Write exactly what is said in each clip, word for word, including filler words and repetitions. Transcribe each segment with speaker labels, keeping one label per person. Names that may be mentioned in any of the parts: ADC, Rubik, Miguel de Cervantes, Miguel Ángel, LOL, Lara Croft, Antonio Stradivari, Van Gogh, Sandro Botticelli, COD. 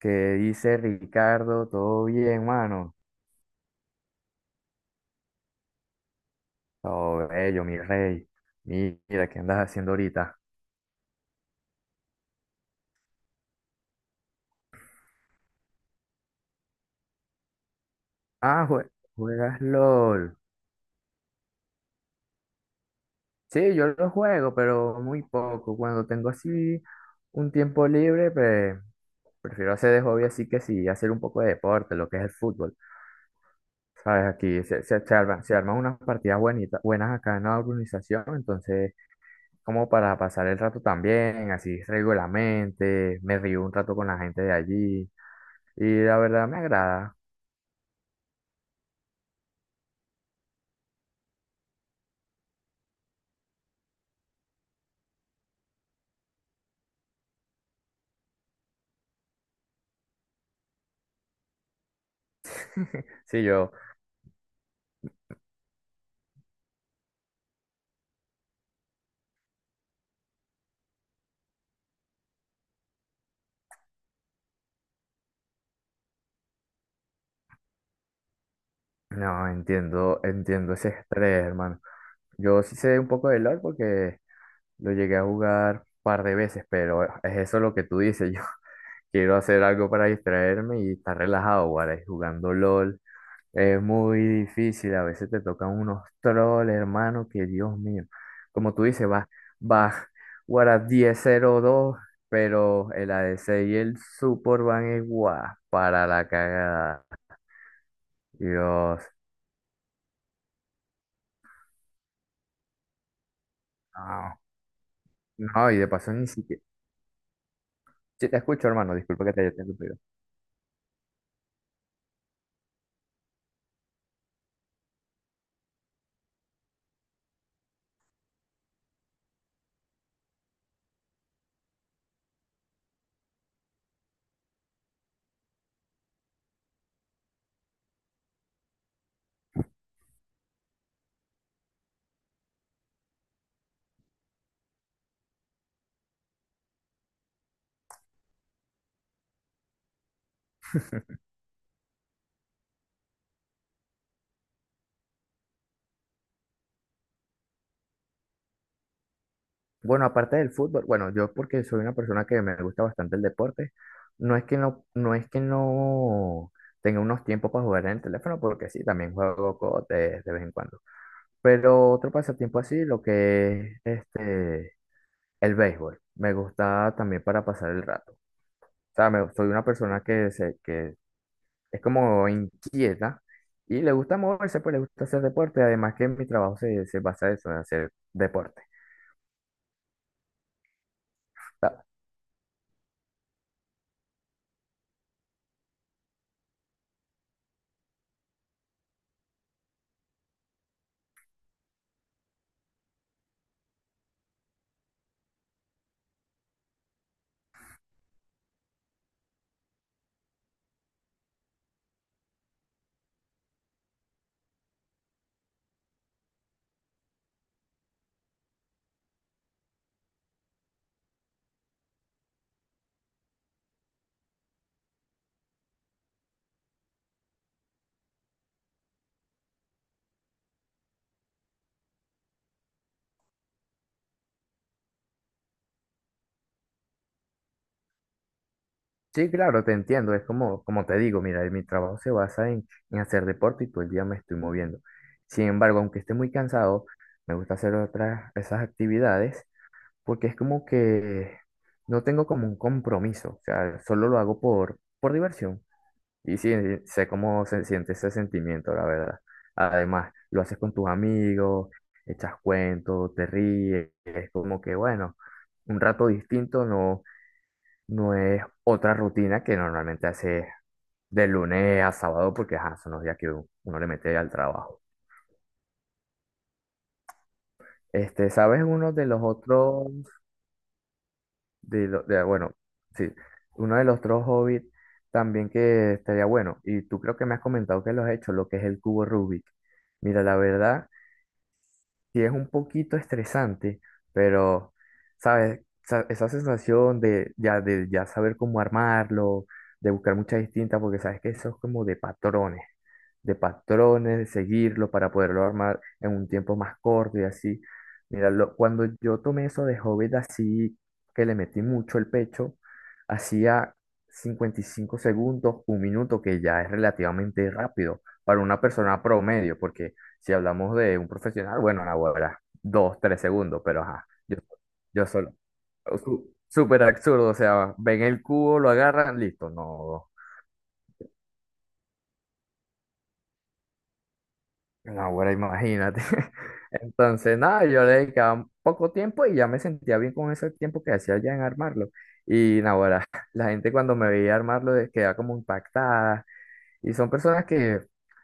Speaker 1: Que dice Ricardo? ¿Todo bien, mano? Todo bello, mi rey. Mira, ¿qué andas haciendo ahorita? Ah, jue- juegas LOL. Sí, yo lo juego, pero muy poco. Cuando tengo así un tiempo libre, pues prefiero hacer de hobby así que sí, hacer un poco de deporte, lo que es el fútbol. ¿Sabes? Aquí se, se, se arma- se arman unas partidas buenitas, buenas acá en la organización, entonces como para pasar el rato también, así regularmente, me río un rato con la gente de allí. Y la verdad me agrada. Sí, yo no entiendo, entiendo ese estrés, hermano. Yo sí sé un poco de LOL porque lo llegué a jugar un par de veces, pero es eso lo que tú dices. Yo quiero hacer algo para distraerme y estar relajado, guaray, jugando LOL. Es muy difícil, a veces te tocan unos trolls, hermano, que Dios mío. Como tú dices, vas, vas, guara diez cero-dos, pero el A D C y el support van igual para la cagada. Dios, no, no, y de paso ni siquiera. Sí, te escucho, hermano, disculpa que te haya interrumpido. Bueno, aparte del fútbol, bueno, yo porque soy una persona que me gusta bastante el deporte, no es que no, no es que no tenga unos tiempos para jugar en el teléfono, porque sí, también juego COD de, de vez en cuando. Pero otro pasatiempo así, lo que es este, el béisbol, me gusta también para pasar el rato. O sea, me- soy una persona que, se, que es como inquieta y le gusta moverse, pues le gusta hacer deporte, además que mi trabajo se, se basa en eso, en hacer deporte. Ta- Sí, claro, te entiendo, es como, como te digo, mira, mi trabajo se basa en, en hacer deporte y todo el día me estoy moviendo. Sin embargo, aunque esté muy cansado, me gusta hacer otras, esas actividades porque es como que no tengo como un compromiso, o sea, solo lo hago por, por diversión. Y sí, sí, sé cómo se siente ese sentimiento, la verdad. Además, lo haces con tus amigos, echas cuentos, te ríes, es como que, bueno, un rato distinto no, no es otra rutina que normalmente haces de lunes a sábado, porque ajá, son los días que uno le mete al trabajo. Este, ¿sabes uno de los otros, de, lo- de- bueno, sí, uno de los otros hobbies también que estaría bueno, y tú creo que me has comentado que lo has hecho, lo que es el cubo Rubik. Mira, la verdad. Sí, es un poquito estresante, pero, ¿sabes? Sa- Esa sensación de ya, de ya saber cómo armarlo, de buscar muchas distintas, porque sabes que eso es como de patrones, de patrones, de seguirlo para poderlo armar en un tiempo más corto y así. Mira, lo- cuando yo tomé eso de Hobbit así, que le metí mucho el pecho, hacía cincuenta y cinco segundos, un minuto, que ya es relativamente rápido para una persona promedio, porque si hablamos de un profesional, bueno, ahora dos, tres segundos, pero ajá, yo, yo solo. su- Súper absurdo, o sea, ven el cubo, lo agarran, listo, no, ahora imagínate. Entonces, nada, yo le dedicaba poco tiempo y ya me sentía bien con ese tiempo que hacía ya en armarlo. Y nada, ahora la gente cuando me veía armarlo eh, quedaba como impactada. Y son personas que,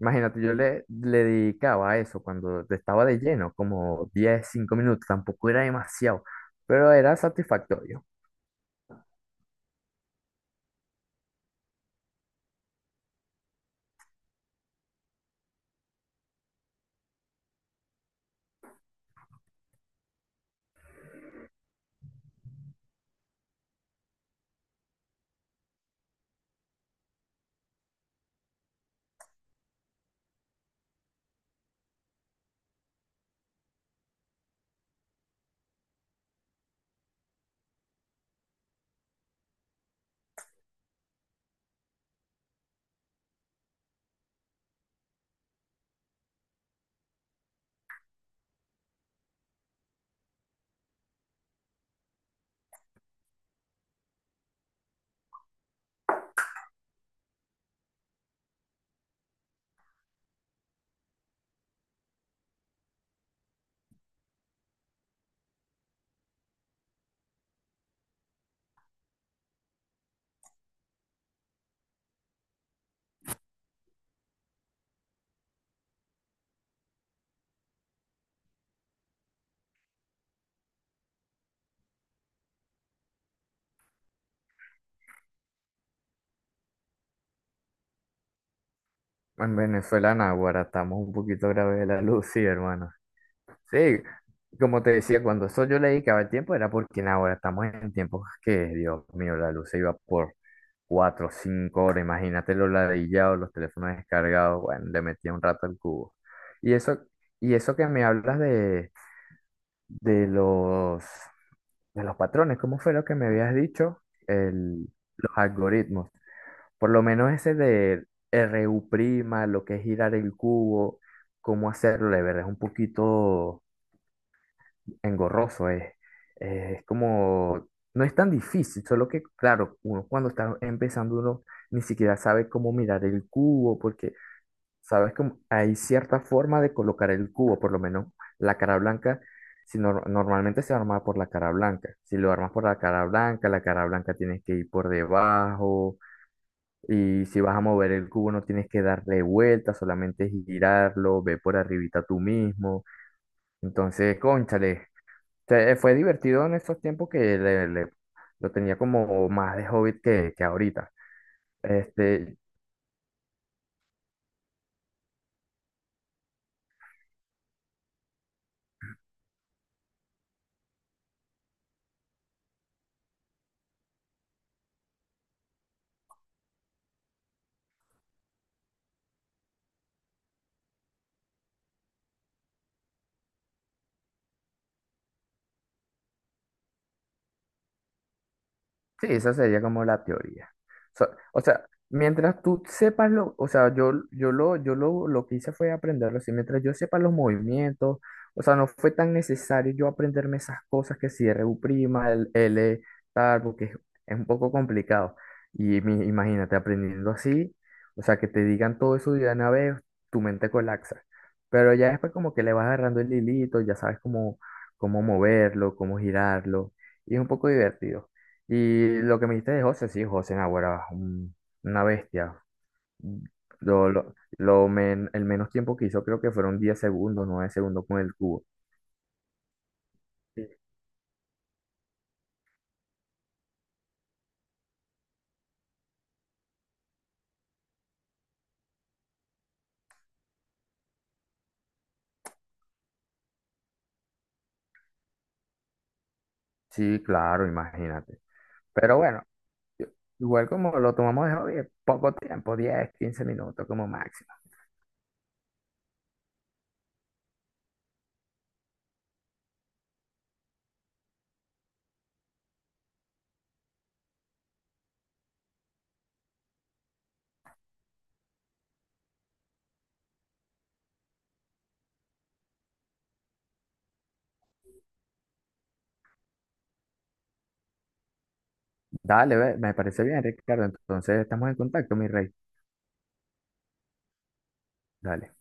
Speaker 1: imagínate, yo le, le dedicaba a eso cuando estaba de lleno, como diez cinco minutos, tampoco era demasiado, pero era satisfactorio. En Venezuela, Naguará, estamos un poquito graves de la luz, sí, hermano. Sí, como te decía, cuando eso yo le dedicaba el tiempo era porque ahora estamos en tiempos que, Dios mío, la luz se iba por cuatro, cinco horas, imagínate los ladillados, los teléfonos descargados, bueno, le metía un rato al cubo. Y eso, y eso que me hablas de de los, de los patrones. ¿Cómo fue lo que me habías dicho? El, los algoritmos. Por lo menos ese de R U prima, lo que es girar el cubo, cómo hacerlo, de verdad es un poquito engorroso. Es, es como, no es tan difícil, solo que, claro, uno cuando está empezando, uno ni siquiera sabe cómo mirar el cubo, porque ¿sabes? Como hay cierta forma de colocar el cubo, por lo menos la cara blanca, si nor- normalmente se arma por la cara blanca. Si lo armas por la cara blanca, la cara blanca tienes que ir por debajo y si vas a mover el cubo no tienes que darle vuelta, solamente girarlo, ve por arribita tú mismo. Entonces, cónchale, te- fue divertido en estos tiempos que le- le- lo tenía como más de hobbit que, que ahorita. Este, sí, esa sería como la teoría. So- o sea, mientras tú sepas lo, o sea, yo, yo lo, yo lo, lo que hice fue aprenderlo, así, mientras yo sepa los movimientos, o sea, no fue tan necesario yo aprenderme esas cosas que si R u prima, el L, tal, porque es, es un poco complicado. Y mi- imagínate aprendiendo así, o sea, que te digan todo eso de una vez, tu mente colapsa. Pero ya después como que le vas agarrando el hilito, ya sabes cómo, cómo moverlo, cómo girarlo, y es un poco divertido. Y lo que me dijiste de José, sí, José Naguará, un- una bestia. Lo, lo, lo men- el menos tiempo que hizo creo que fueron diez segundos, nueve segundos con el cubo. Sí, sí, claro, imagínate. Pero bueno, igual como lo tomamos de hobby, poco tiempo, diez quince minutos como máximo. Dale, ve, me parece bien, Ricardo. Entonces estamos en contacto, mi rey. Dale.